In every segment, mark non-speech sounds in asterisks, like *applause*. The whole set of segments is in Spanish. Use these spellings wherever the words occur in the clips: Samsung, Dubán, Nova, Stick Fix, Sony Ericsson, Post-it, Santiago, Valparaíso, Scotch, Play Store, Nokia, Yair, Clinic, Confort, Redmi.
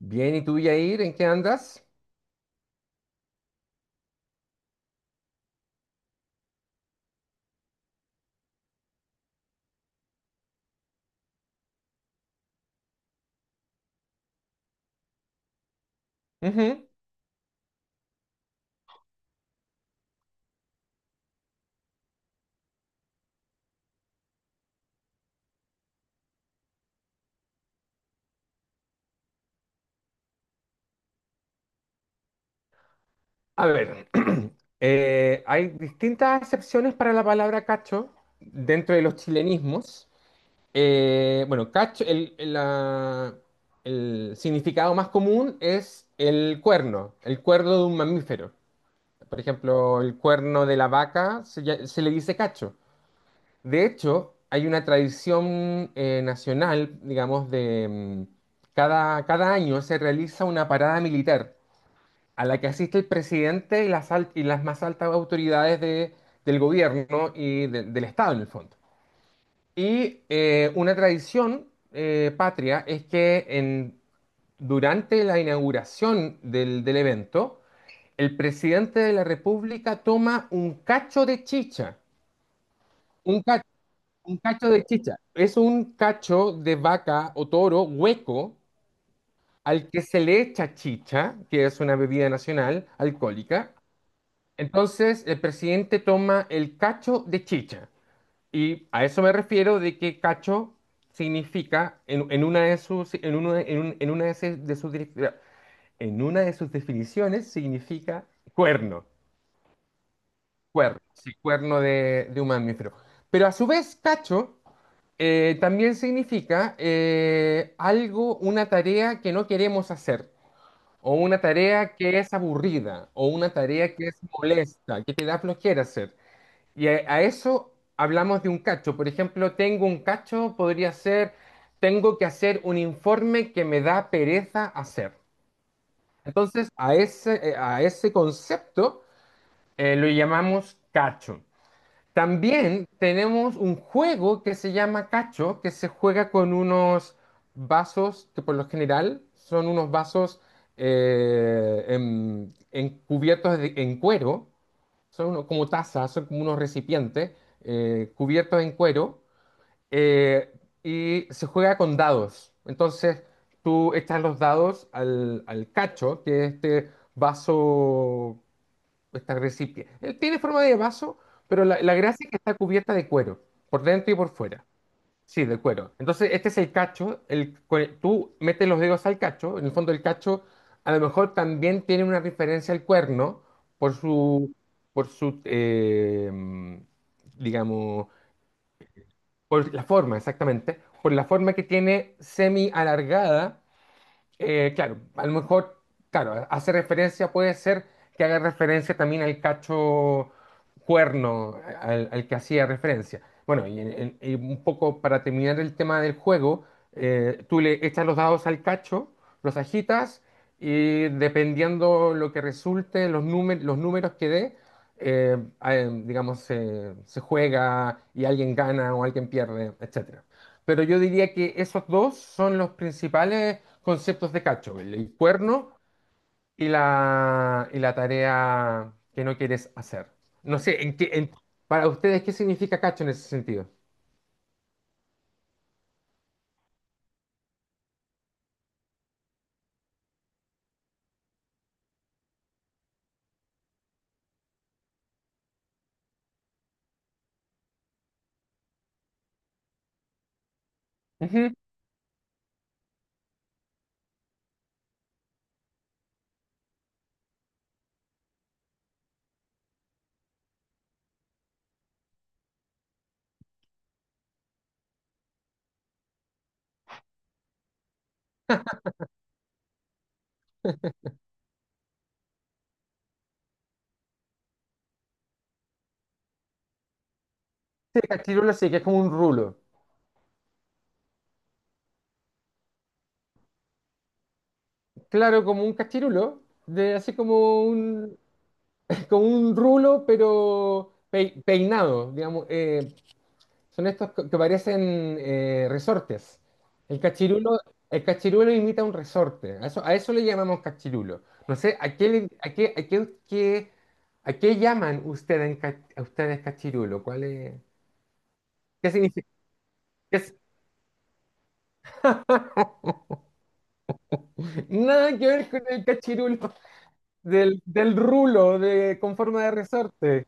Bien, ¿y tú, Yair, en qué andas? Ujú. A ver, *clears throat* hay distintas excepciones para la palabra cacho dentro de los chilenismos. Bueno, cacho, el significado más común es el cuerno de un mamífero. Por ejemplo, el cuerno de la vaca se le dice cacho. De hecho, hay una tradición nacional, digamos, de cada año se realiza una parada militar a la que asiste el presidente y y las más altas autoridades del gobierno y del Estado en el fondo. Y una tradición patria es que durante la inauguración del evento, el presidente de la República toma un cacho de chicha, un cacho, un cacho de chicha. Es un cacho de vaca o toro hueco al que se le echa chicha, que es una bebida nacional alcohólica. Entonces, el presidente toma el cacho de chicha. Y a eso me refiero de que cacho significa, en una de sus, en uno de- en un- en una de sus, en una de sus definiciones, significa cuerno. Cuerno, sí, cuerno de un mamífero. Pero a su vez, cacho también significa algo, una tarea que no queremos hacer. O una tarea que es aburrida, o una tarea que es molesta, que te da flojera hacer. Y a eso hablamos de un cacho. Por ejemplo, tengo un cacho, podría ser, tengo que hacer un informe que me da pereza hacer. Entonces, a ese concepto lo llamamos cacho. También tenemos un juego que se llama cacho, que se juega con unos vasos que por lo general son unos vasos en cubiertos en cuero, son como tazas, son como unos recipientes cubiertos en cuero, eh, y se juega con dados. Entonces tú echas los dados al cacho, que es este vaso. Está recipiente. Él tiene forma de vaso, pero la gracia es que está cubierta de cuero, por dentro y por fuera. Sí, de cuero. Entonces, este es el cacho. El, tú metes los dedos al cacho. En el fondo, el cacho a lo mejor también tiene una referencia al cuerno por su, por su, eh, digamos, por la forma, exactamente. Por la forma que tiene semi alargada, claro, a lo mejor, claro, hace referencia, puede ser que haga referencia también al cacho cuerno al que hacía referencia. Bueno, y, y un poco para terminar el tema del juego, tú le echas los dados al cacho, los agitas y dependiendo lo que resulte, los, los números que dé, eh, digamos, se juega y alguien gana o alguien pierde, etcétera. Pero yo diría que esos dos son los principales conceptos de cacho, el cuerno y y la tarea que no quieres hacer. No sé, para ustedes, ¿qué significa cacho en ese sentido? Ujú. Sí, cachirulo sí, que es como un rulo. Claro, como un cachirulo, de así como un, *laughs* como un rulo, pero peinado, digamos, son estos que parecen resortes. El cachirulo, el cachirulo imita un resorte. A eso le llamamos cachirulo. No sé, ¿a qué, le- a qué, qué- ¿a qué llaman ustedes, a ustedes cachirulo? ¿Cuál es? ¿Qué significa? ¿Qué es? Nada que ver con el cachirulo del rulo de, con forma de resorte.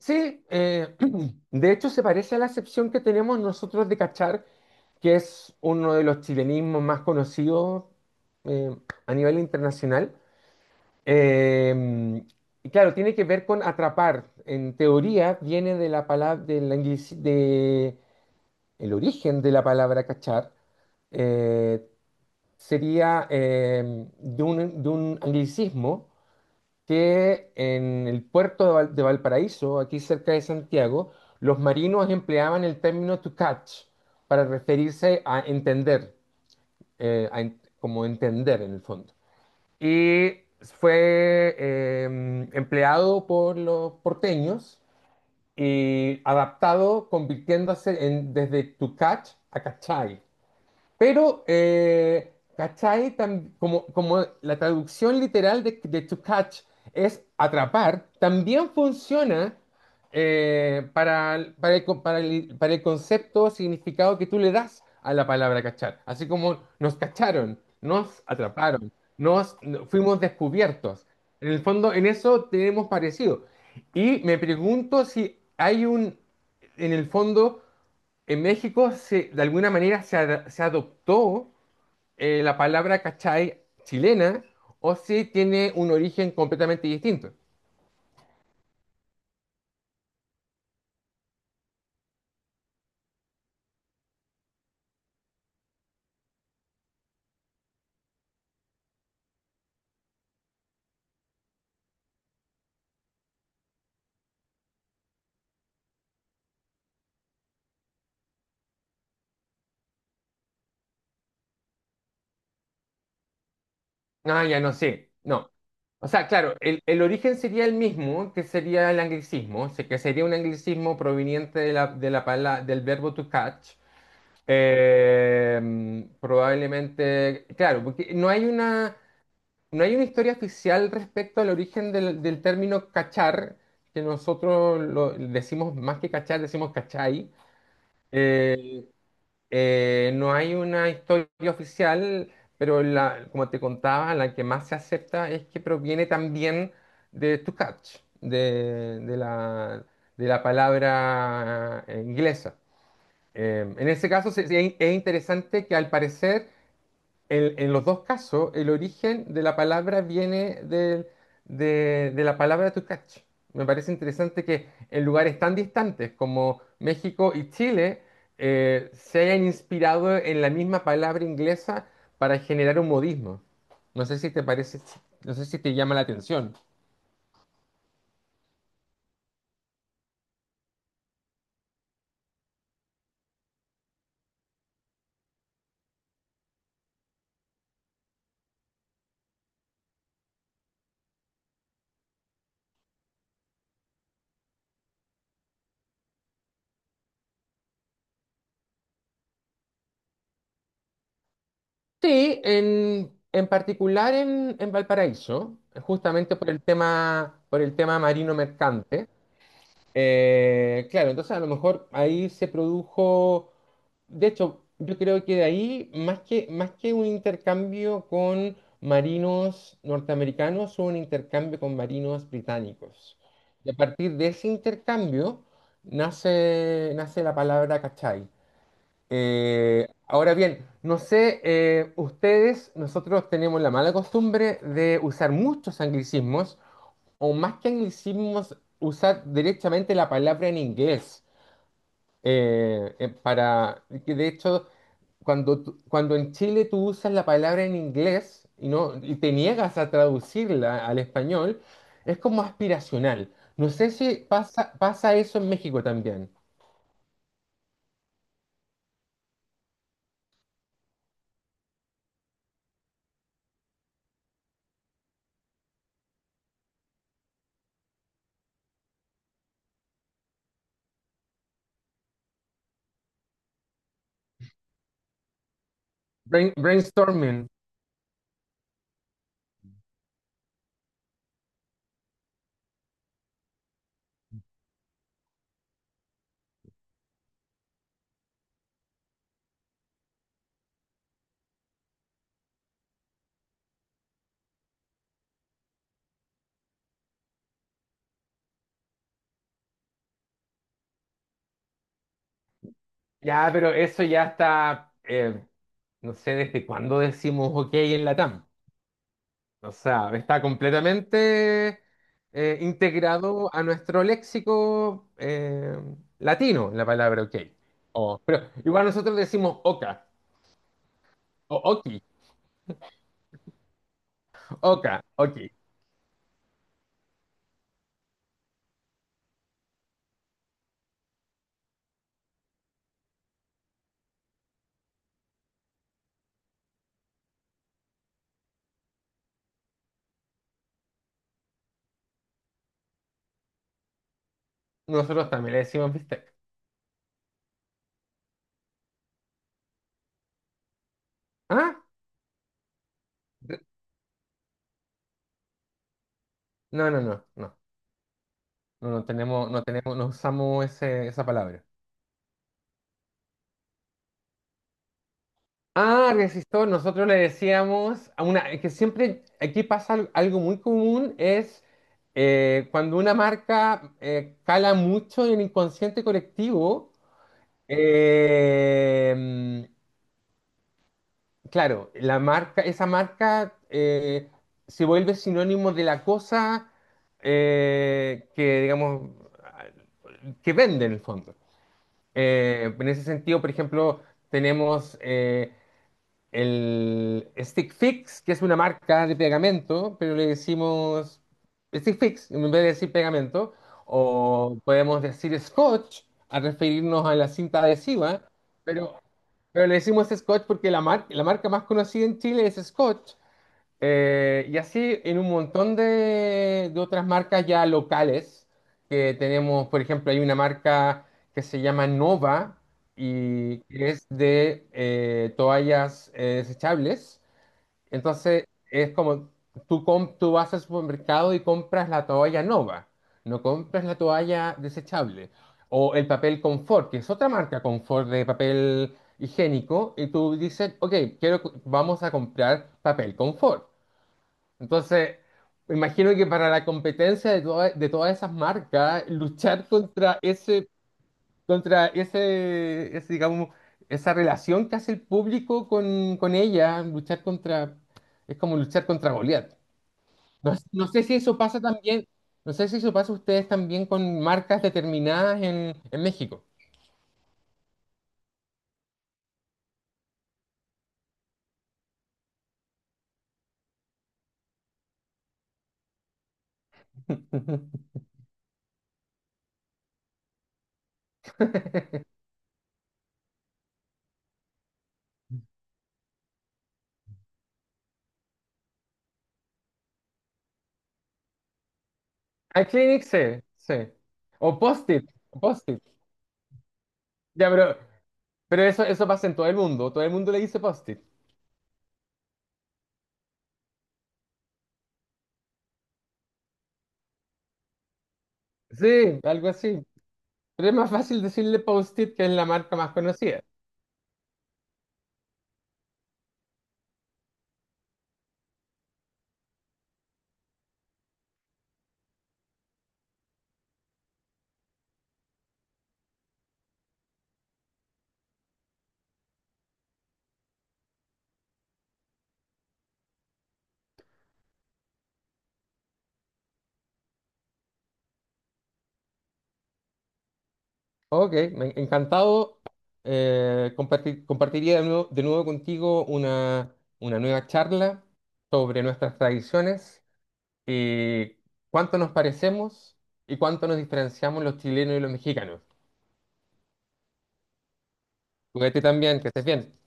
Sí, *clears throat* de hecho se parece a la acepción que tenemos nosotros de cachar, que es uno de los chilenismos más conocidos eh, a nivel internacional. Eh, y claro, tiene que ver con atrapar. En teoría viene de la palabra, el origen de la palabra cachar, eh, sería de un anglicismo que en el puerto de, de Valparaíso, aquí cerca de Santiago, los marinos empleaban el término to catch para referirse a entender, como entender en el fondo. Y fue empleado por los porteños y adaptado, convirtiéndose en, desde to catch a cachai. Pero, ¿cachai? Como, como la traducción literal de to catch es atrapar, también funciona para el, con- para el concepto o significado que tú le das a la palabra cachar. Así como nos cacharon, nos atraparon, nos no- fuimos descubiertos. En el fondo, en eso tenemos parecido. Y me pregunto si hay un, en el fondo en México, se, de alguna manera, se adoptó la palabra cachai chilena o si tiene un origen completamente distinto. Ah, ya no sé, no. O sea, claro, el origen sería el mismo, que sería el anglicismo, o sea, que sería un anglicismo proveniente de la, del verbo to catch. Eh, probablemente, claro, porque no hay una... No hay una historia oficial respecto al origen del término cachar, que nosotros lo decimos más que cachar, decimos cachai. Eh, no hay una historia oficial, pero la, como te contaba, la que más se acepta es que proviene también de to catch, de, de la, de la palabra inglesa. En ese caso es interesante que al parecer en los dos casos, el origen de la palabra viene de la palabra Tucach. Me parece interesante que en lugares tan distantes como México y Chile se hayan inspirado en la misma palabra inglesa para generar un modismo. No sé si te parece, no sé si te llama la atención. Sí, en particular en Valparaíso, justamente por el tema marino mercante. Claro, entonces a lo mejor ahí se produjo, de hecho, yo creo que de ahí, más que un intercambio con marinos norteamericanos, hubo un intercambio con marinos británicos. Y a partir de ese intercambio nace, nace la palabra cachai. Ahora bien, no sé, nosotros tenemos la mala costumbre de usar muchos anglicismos o más que anglicismos, usar directamente la palabra en inglés. Que de hecho, cuando en Chile tú usas la palabra en inglés y, no, y te niegas a traducirla al español, es como aspiracional. No sé si pasa, pasa eso en México también. Brainstorming. Ya, pero eso ya está, no sé desde cuándo decimos ok en Latam. O sea, está completamente integrado a nuestro léxico latino la palabra ok. O- pero igual nosotros decimos oca, o oki, oca, oki. Nosotros también le decimos bistec. ¿Ah? No, no, no, no. No, no tenemos, no tenemos, no usamos esa palabra. Ah, resistor, nosotros le decíamos a una, es que siempre aquí pasa algo muy común, es cuando una marca cala mucho en el inconsciente colectivo, eh, claro, la marca, esa marca se vuelve sinónimo de la cosa que, digamos, que vende en el fondo. En ese sentido, por ejemplo, tenemos... el Stick Fix, que es una marca de pegamento, pero le decimos Stick Fix en vez de decir pegamento, o podemos decir Scotch al referirnos a la cinta adhesiva, pero, pero le decimos Scotch porque la, la marca más conocida en Chile es Scotch, y así en un montón de otras marcas ya locales que tenemos, por ejemplo, hay una marca que se llama Nova y que es de toallas desechables. Entonces es como tú, tú vas al supermercado y compras la toalla Nova, no compras la toalla desechable. O el papel Confort, que es otra marca Confort de papel higiénico, y tú dices, ok, quiero, vamos a comprar papel Confort. Entonces, me imagino que para la competencia de, de todas esas marcas, luchar contra ese, ese, digamos, esa relación que hace el público con ella, luchar contra, es como luchar contra Goliat. No, no sé si eso pasa también, no sé si eso pasa a ustedes también con marcas determinadas en México. A Clinic, sí, sí. O Post-it, Post-it. Ya, pero eso pasa en todo el mundo le dice Post-it. Sí, algo así. Pero es más fácil decirle Post-it, que es la marca más conocida. Ok, encantado. Compartiría de nuevo contigo una nueva charla sobre nuestras tradiciones y cuánto nos parecemos y cuánto nos diferenciamos los chilenos y los mexicanos. Cuídate también, que estés bien.